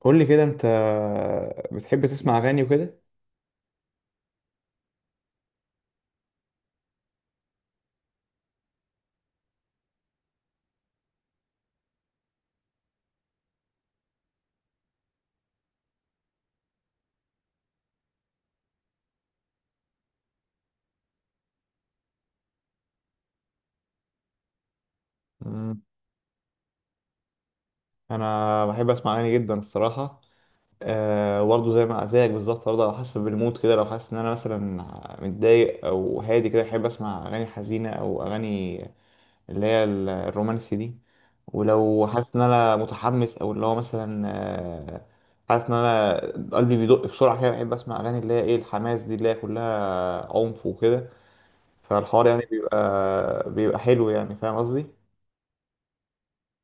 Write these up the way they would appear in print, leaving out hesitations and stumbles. قول لي كده انت بتحب تسمع اغاني وكده؟ مم. انا بحب اسمع اغاني جدا الصراحه. أه، برضه زي ما زيك بالظبط، برضه على حسب المود كده، لو حاسس ان انا مثلا متضايق او هادي كده احب اسمع اغاني حزينه او اغاني اللي هي الرومانسي دي. ولو حاسس ان انا متحمس او اللي هو مثلا حاسس ان انا قلبي بيدق بسرعه كده، بحب اسمع اغاني اللي هي ايه الحماس دي اللي هي كلها عنف وكده. فالحوار يعني بيبقى حلو، يعني فاهم قصدي؟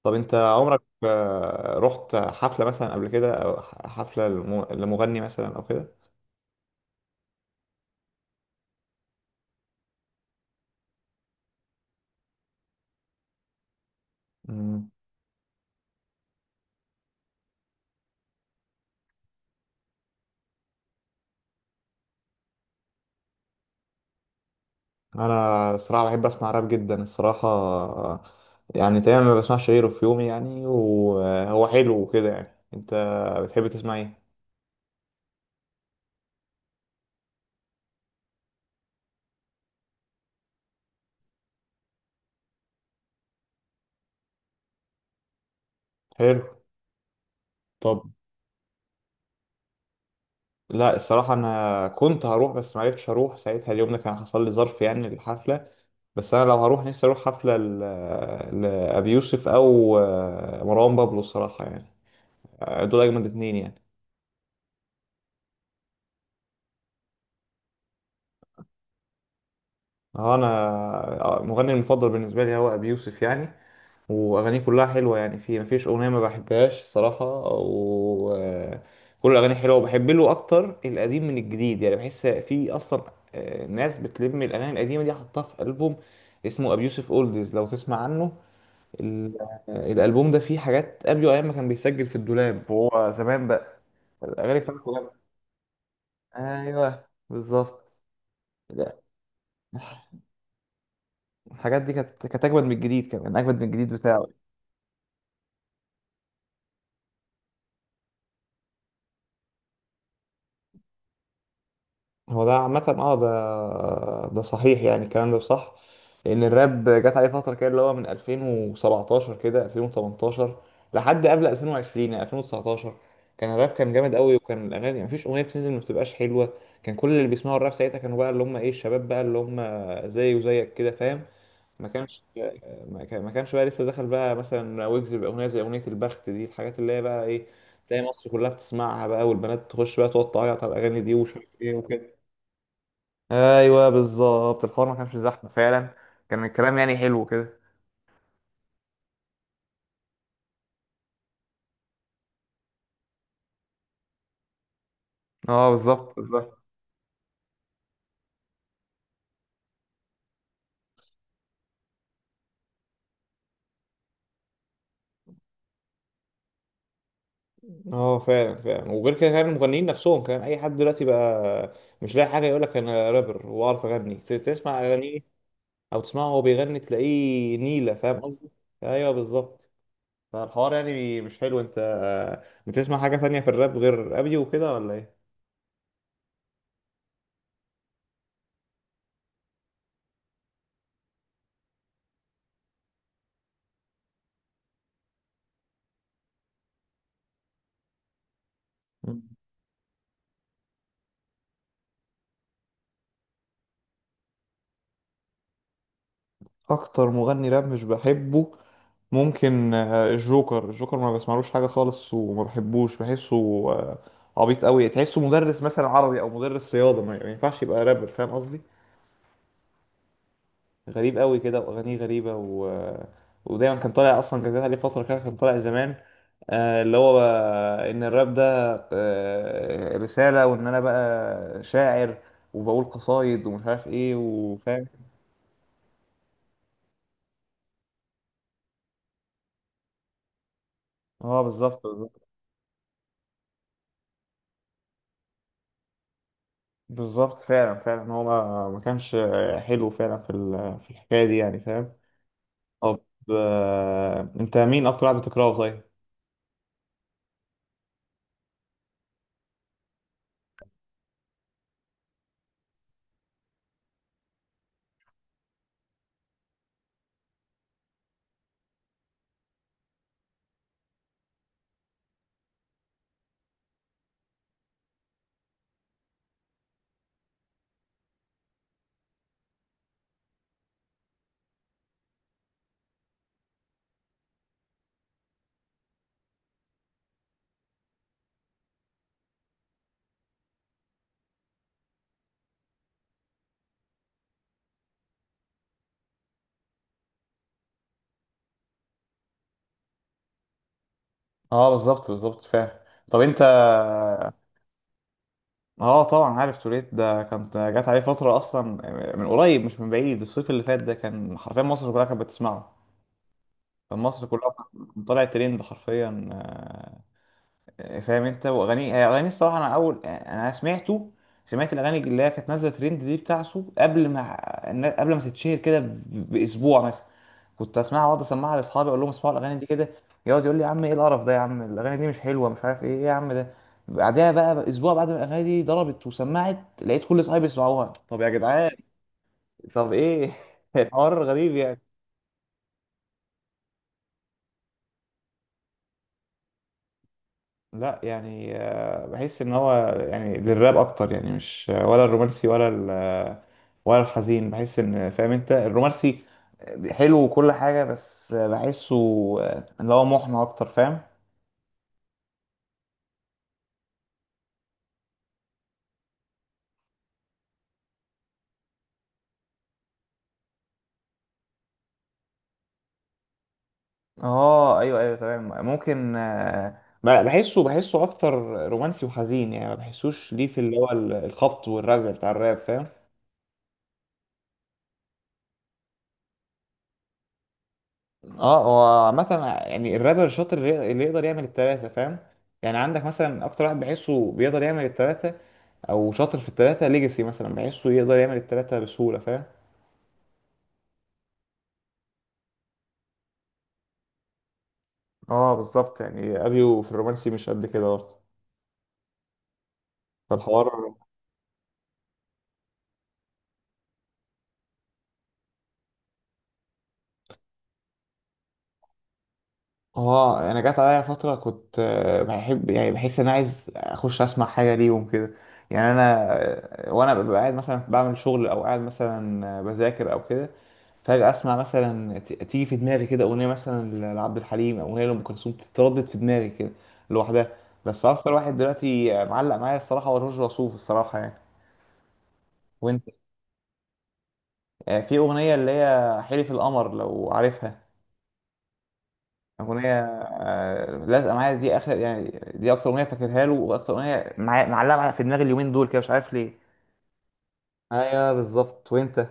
طب انت عمرك رحت حفلة مثلا قبل كده، او حفلة لمغني مثلا او كده؟ مم. انا الصراحة بحب اسمع راب جدا الصراحة. يعني تقريبا ما بسمعش غيره في يومي، يعني وهو حلو وكده. يعني انت بتحب تسمع ايه؟ حلو. طب، لا الصراحة انا كنت هروح بس معرفتش اروح ساعتها، اليوم ده كان حصل لي ظرف يعني الحفلة. بس انا لو هروح نفسي اروح حفلة لأبي يوسف، او مروان بابلو، الصراحة يعني. دول اجمد اتنين يعني. اه انا، مغني المفضل بالنسبه لي هو ابي يوسف يعني. واغانيه كلها حلوه، يعني في مفيش اغنيه ما بحبهاش الصراحه. و آه، كل الاغاني حلوه، وبحب له اكتر القديم من الجديد. يعني بحس في اصلا ناس بتلم الاغاني القديمه دي، حطها في البوم اسمه ابي يوسف اولدز لو تسمع عنه. ال- آه، الالبوم ده فيه حاجات ابيو ايام ما كان بيسجل في الدولاب، وهو زمان بقى. الاغاني بتاعته جامدة. ايوه بالظبط. لا، الحاجات دي كانت اجمد من الجديد، كمان اجمد من الجديد بتاعه. هو ده عامة، اه. ده صحيح، يعني الكلام ده صح. لأن الراب جت عليه فترة كده، اللي هو من 2017 كده، 2018، لحد قبل 2020، يعني 2019. كان الراب كان جامد قوي، وكان الأغاني مفيش أغنية بتنزل ما بتبقاش حلوة. كان كل اللي بيسمعوا الراب ساعتها كانوا بقى اللي هم إيه، الشباب بقى اللي هم زي وزيك كده، فاهم؟ ما كانش ما كانش بقى لسه دخل بقى مثلا ويجز بأغنية زي أغنية البخت دي، الحاجات اللي هي بقى إيه، تلاقي مصر كلها بتسمعها بقى، والبنات تخش بقى تقعد تعيط على الأغاني دي، ومش عارف إيه. ايوه بالظبط، الحوار ما كانش زحمه فعلا. كان الكلام يعني حلو كده. اه بالظبط بالظبط. اه فعلا فعلا، وغير كده كان المغنيين نفسهم، كان اي حد دلوقتي بقى مش لاقي حاجه يقول لك انا رابر واعرف اغني، تسمع اغانيه او تسمعه وهو بيغني تلاقيه نيله، فاهم قصدي؟ ايوه بالظبط. فالحوار يعني مش حلو. انت بتسمع حاجه تانية في الراب غير ابي وكده ولا؟ ايه اكتر مغني راب مش بحبه؟ ممكن الجوكر. ما بسمعلوش حاجه خالص، وما بحبوش، بحسه آه، عبيط قوي. تحسه مدرس مثلا عربي او مدرس رياضه، ما ينفعش يبقى رابر، فاهم قصدي؟ غريب قوي كده، واغانيه غريبه و... آه، ودايما كان طالع. اصلا كان جات عليه فتره كده كان طالع زمان، اللي هو بقى ان الراب ده رساله، وان انا بقى شاعر وبقول قصايد ومش عارف ايه، وفاهم. اه بالظبط بالظبط، فعلا فعلا. هو ما كانش حلو فعلا، في الحكايه دي يعني، فاهم؟ طب، انت مين اكتر واحد بتكرهه طيب؟ اه بالظبط بالظبط فاهم. طب انت، اه طبعا عارف توريت. ده كانت جات عليه فتره اصلا، من قريب مش من بعيد، الصيف اللي فات ده كان حرفيا مصر كلها كانت بتسمعه. كان مصر كلها كانت طلع ترند حرفيا، فاهم انت؟ واغاني هي اغاني الصراحه، انا اول انا سمعته سمعت الاغاني اللي هي كانت نازله ترند دي بتاعته، قبل ما تتشهر كده باسبوع مثلا. كنت اسمعها واقعد اسمعها لاصحابي، اقول لهم اسمعوا الاغاني دي كده. يقعد يقول لي يا عم ايه القرف ده، يا عم الاغاني دي مش حلوه مش عارف ايه، ايه يا عم ده. بعدها بقى اسبوع، بعد ما الاغاني دي ضربت وسمعت، لقيت كل اصحابي بيسمعوها. طب يا جدعان! طب ايه. الحوار غريب يعني. لا، يعني بحس ان هو يعني للراب اكتر يعني، مش ولا الرومانسي ولا الحزين. بحس ان، فاهم انت، الرومانسي حلو وكل حاجة، بس بحسه اللي هو محنى اكتر، فاهم؟ اه ايوه ايوه تمام. ممكن بحسه اكتر رومانسي وحزين، يعني ما بحسوش ليه في اللي هو الخبط والرزع بتاع الراب فاهم. اه هو عامة، يعني الرابر الشاطر اللي يقدر يعمل التلاتة فاهم. يعني عندك مثلا أكتر واحد بحسه بيقدر يعمل التلاتة، أو شاطر في التلاتة، ليجاسي مثلا بحسه يقدر يعمل التلاتة بسهولة، فاهم. اه بالظبط، يعني ابيو في الرومانسي مش قد كده برضه. فالحوار، اه انا جات عليا فتره كنت بحب، يعني بحس ان انا عايز اخش اسمع حاجه ليهم كده. يعني انا، وانا ببقى قاعد مثلا بعمل شغل او قاعد مثلا بذاكر او كده، فجاه اسمع مثلا، تيجي في دماغي كده اغنيه مثلا لعبد الحليم، او اغنيه لام كلثوم تتردد في دماغي كده لوحدها. بس اكتر واحد دلوقتي معلق معايا الصراحه هو جورج وسوف، الصراحه يعني. وانت؟ في اغنيه اللي هي حلف القمر، لو عارفها. أغنية لازقة معايا دي آخر يعني. دي أكتر أغنية فاكرها له، وأكتر أغنية معلقة معايا في دماغي اليومين دول كده، مش عارف ليه. ايوه بالظبط. وأنت؟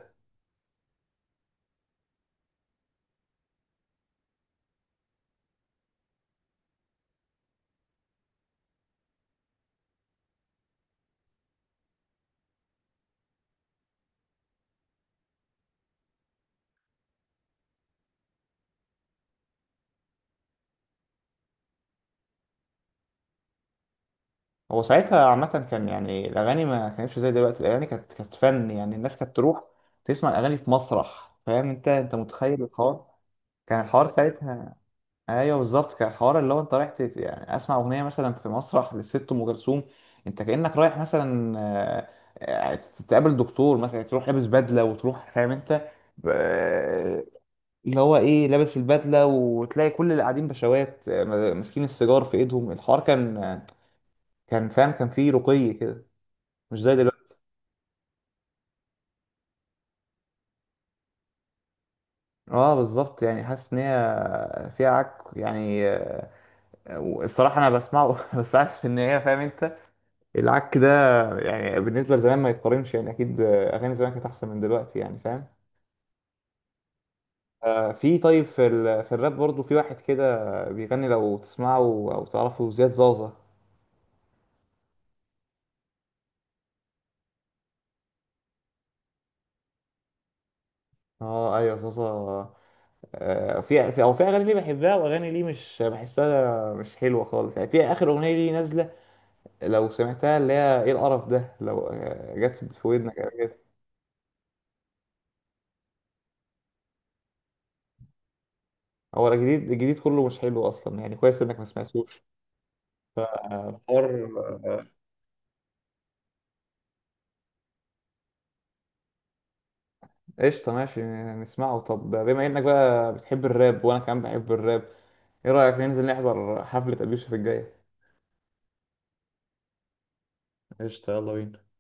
هو ساعتها عامة كان يعني الأغاني ما كانتش زي دلوقتي. الأغاني كانت فن. يعني الناس كانت تروح تسمع الأغاني في مسرح، فاهم أنت متخيل الحوار؟ كان الحوار ساعتها، ايوه بالظبط، كان الحوار اللي هو انت رايح، يعني اسمع اغنيه مثلا في مسرح للست ام كلثوم. انت كانك رايح مثلا، آه، تقابل دكتور مثلا، تروح لابس بدله وتروح، فاهم انت؟ آه، اللي هو ايه لابس البدله، وتلاقي كل اللي قاعدين بشوات ماسكين السيجار في ايدهم. الحوار كان فاهم، كان فيه رقي كده، مش زي دلوقتي. اه بالظبط، يعني حاسس ان هي فيها عك يعني. الصراحه انا بسمعه بس حاسس ان هي، فاهم انت، العك ده يعني بالنسبة لزمان ما يتقارنش. يعني أكيد أغاني زمان كانت أحسن من دلوقتي يعني، فاهم؟ في، طيب، في الراب برضو في واحد كده بيغني لو تسمعه أو تعرفه، زياد زازا. اه ايوه زازا. في اغاني ليه بحبها، واغاني ليه مش بحسها مش حلوه خالص. يعني في اخر اغنيه ليه نازله لو سمعتها، اللي هي ايه القرف ده، لو جت في ودنك قبل كده. هو الجديد، الجديد كله مش حلو اصلا، يعني كويس انك ما سمعتوش. فالحوار قشطة، ماشي نسمعه. طب بما انك بقى بتحب الراب وانا كمان بحب الراب، ايه رأيك ننزل نحضر حفلة ابيوسف الجاية؟ قشطة، يلا بينا.